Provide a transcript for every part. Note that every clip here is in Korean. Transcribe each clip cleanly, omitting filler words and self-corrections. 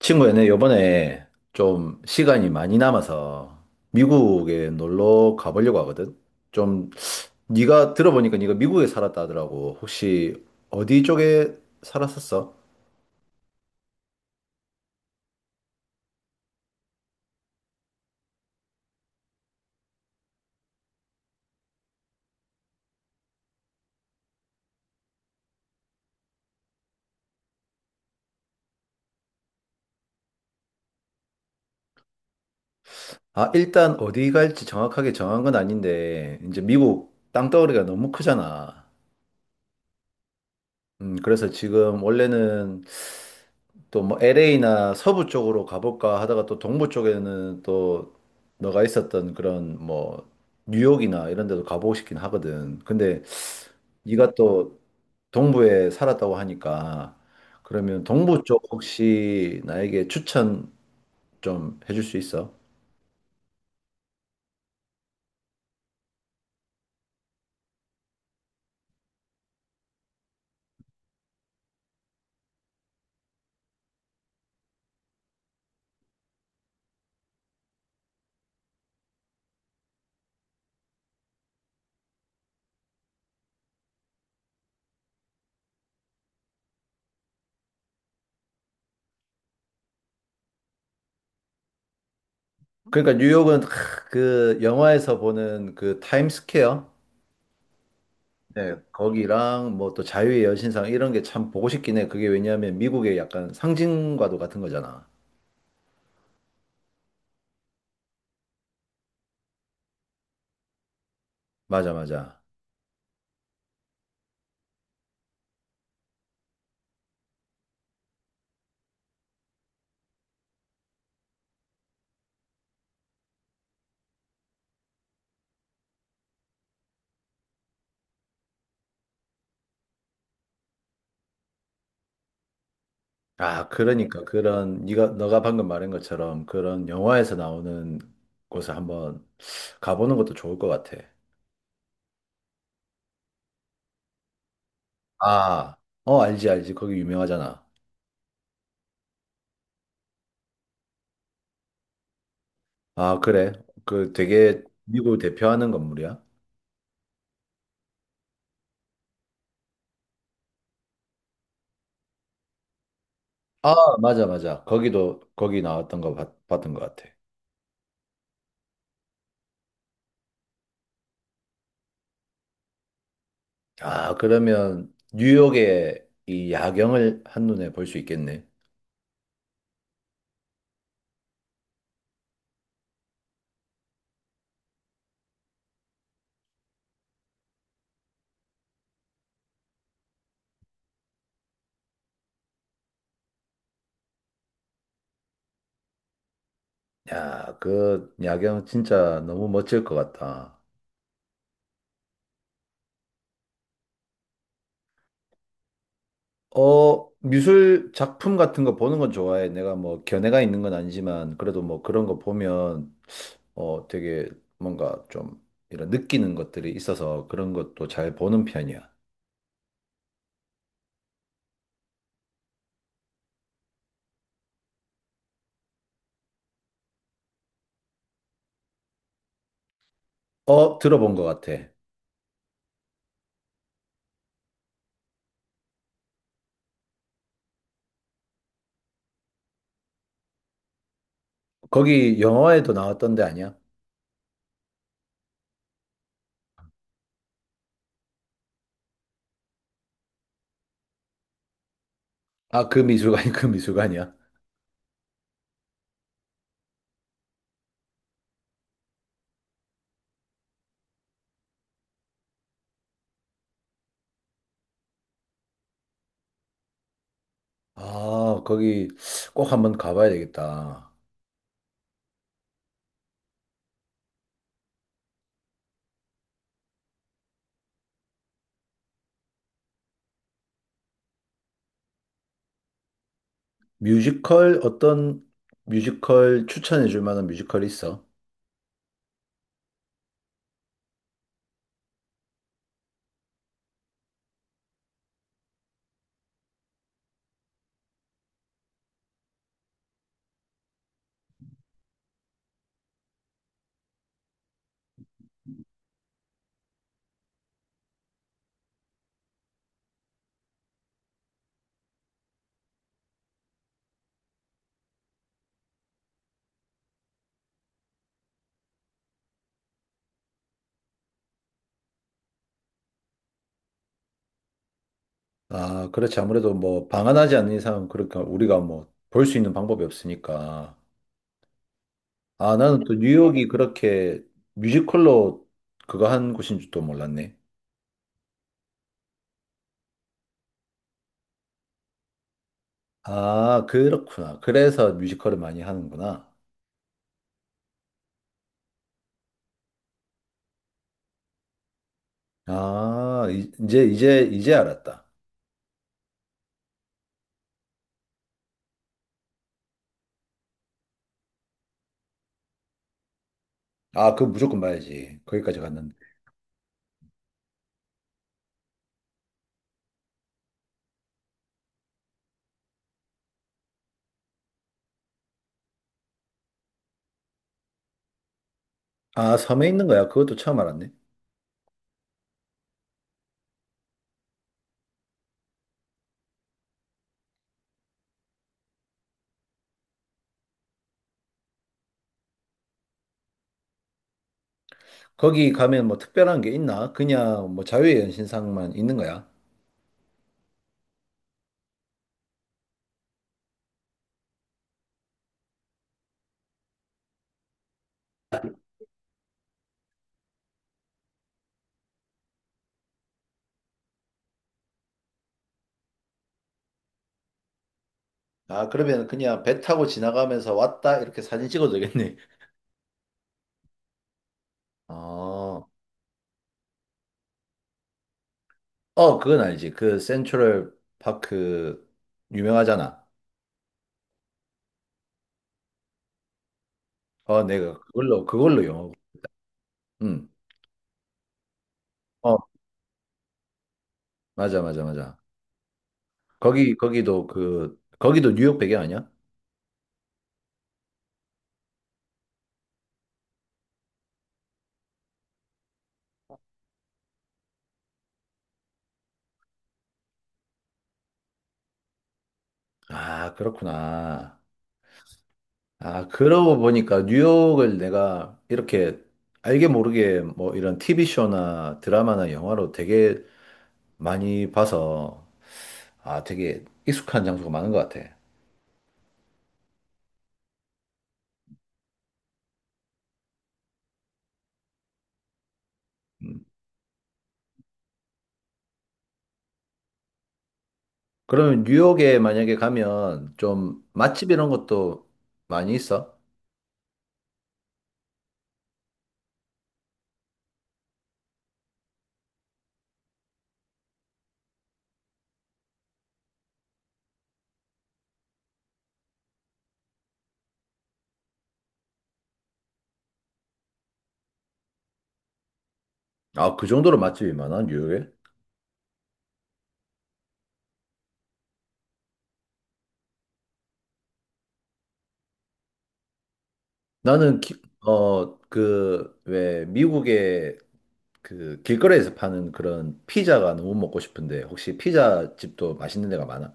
친구야, 내 요번에 좀 시간이 많이 남아서 미국에 놀러 가보려고 하거든. 좀 네가 들어보니까 네가 미국에 살았다 하더라고. 혹시 어디 쪽에 살았었어? 아, 일단 어디 갈지 정확하게 정한 건 아닌데 이제 미국 땅덩어리가 너무 크잖아. 그래서 지금 원래는 또 뭐 LA나 서부 쪽으로 가볼까 하다가 또 동부 쪽에는 또 너가 있었던 그런 뭐 뉴욕이나 이런 데도 가보고 싶긴 하거든. 근데 네가 또 동부에 살았다고 하니까 그러면 동부 쪽 혹시 나에게 추천 좀 해줄 수 있어? 그러니까 뉴욕은 크, 그 영화에서 보는 그 타임스퀘어 네, 거기랑 뭐 또 자유의 여신상 이런 게 참 보고 싶긴 해. 그게 왜냐하면 미국의 약간 상징과도 같은 거잖아. 맞아, 맞아. 아, 그러니까 그런 네가 너가 방금 말한 것처럼 그런 영화에서 나오는 곳을 한번 가보는 것도 좋을 것 같아. 아, 어, 알지, 알지. 거기 유명하잖아. 아, 그래. 그 되게 미국을 대표하는 건물이야. 아, 맞아, 맞아. 거기도, 거기 나왔던 거 봤, 봤던 것 같아. 아, 그러면 뉴욕의 이 야경을 한눈에 볼 수 있겠네. 야, 그 야경 진짜 너무 멋질 것 같다. 어, 미술 작품 같은 거 보는 건 좋아해. 내가 뭐 견해가 있는 건 아니지만, 그래도 뭐 그런 거 보면 어, 되게 뭔가 좀 이런 느끼는 것들이 있어서 그런 것도 잘 보는 편이야. 어, 들어본 것 같아. 거기 영화에도 나왔던 데 아니야? 아, 그 미술관이 그 미술관이야? 아, 거기 꼭 한번 가봐야 되겠다. 뮤지컬 어떤 뮤지컬 추천해 줄 만한 뮤지컬 있어? 아, 그렇지. 아무래도 뭐 방한하지 않는 이상은 그러니까 우리가 뭐 볼 수 있는 방법이 없으니까. 아, 나는 또 네. 뉴욕이 그렇게 뮤지컬로 그거 한 곳인 줄도 몰랐네. 아, 그렇구나. 그래서 뮤지컬을 많이 하는구나. 아, 이- 이제 알았다. 아, 그거 무조건 봐야지. 거기까지 갔는데. 아, 섬에 있는 거야. 그것도 처음 알았네. 거기 가면 뭐 특별한 게 있나? 그냥 뭐 자유의 연신상만 있는 거야. 아, 그러면 그냥 배 타고 지나가면서 왔다 이렇게 사진 찍어도 되겠네. 어, 어, 그건 알지. 그 센트럴 파크 유명하잖아. 어, 내가 그걸로 영어. 응. 어, 맞아, 맞아, 맞아. 거기도 뉴욕 배경 아니야? 아, 그렇구나. 아, 그러고 보니까 뉴욕을 내가 이렇게 알게 모르게 뭐 이런 TV쇼나 드라마나 영화로 되게 많이 봐서 아, 되게 익숙한 장소가 많은 것 같아. 음. 그러면 뉴욕에 만약에 가면 좀 맛집 이런 것도 많이 있어? 아, 그 정도로 맛집이 많아, 뉴욕에? 나는, 기- 어, 그, 왜, 미국에 그 길거리에서 파는 그런 피자가 너무 먹고 싶은데 혹시 피자 집도 맛있는 데가 많아?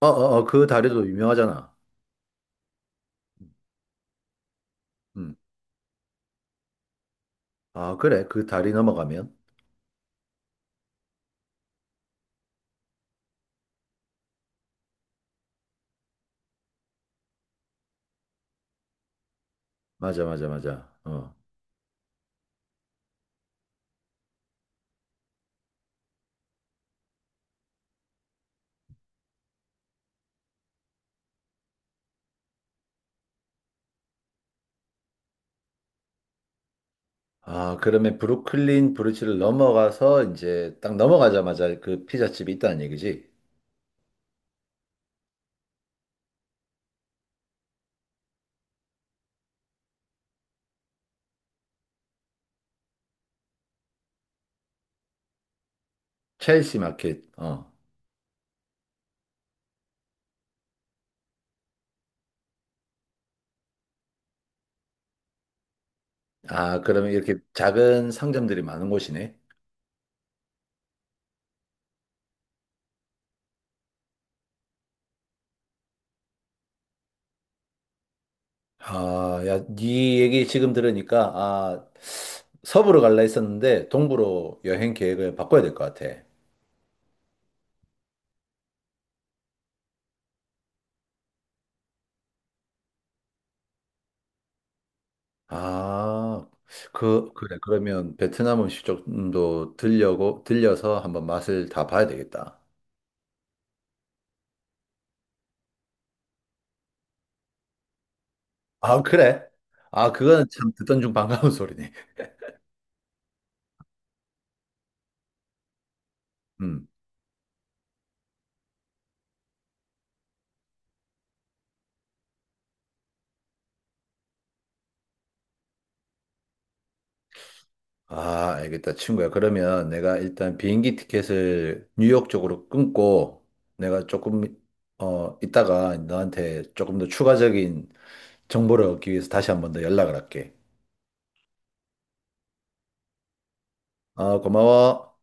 어어어 그 다리도 유명하잖아. 음. 아 그래 그 다리 넘어가면 맞아. 어. 아 그러면 브루클린 브루지를 넘어가서 이제 딱 넘어가자마자 그 피자집이 있다는 얘기지? 첼시 마켓. 어. 아 그러면 이렇게 작은 상점들이 많은 곳이네. 아, 야, 네 얘기 지금 들으니까, 아, 서부로 갈라 했었는데, 동부로 여행 계획을 바꿔야 될 것 같아. 아, 그, 그래. 그러면 베트남 음식점도 들려고, 들려서 한번 맛을 다 봐야 되겠다. 아, 그래? 아, 그거는 참 듣던 중 반가운 소리네. 음. 아, 알겠다, 친구야. 그러면 내가 일단 비행기 티켓을 뉴욕 쪽으로 끊고 내가 조금, 어, 이따가 너한테 조금 더 추가적인 정보를 얻기 위해서 다시 한번 더 연락을 할게. 아, 고마워.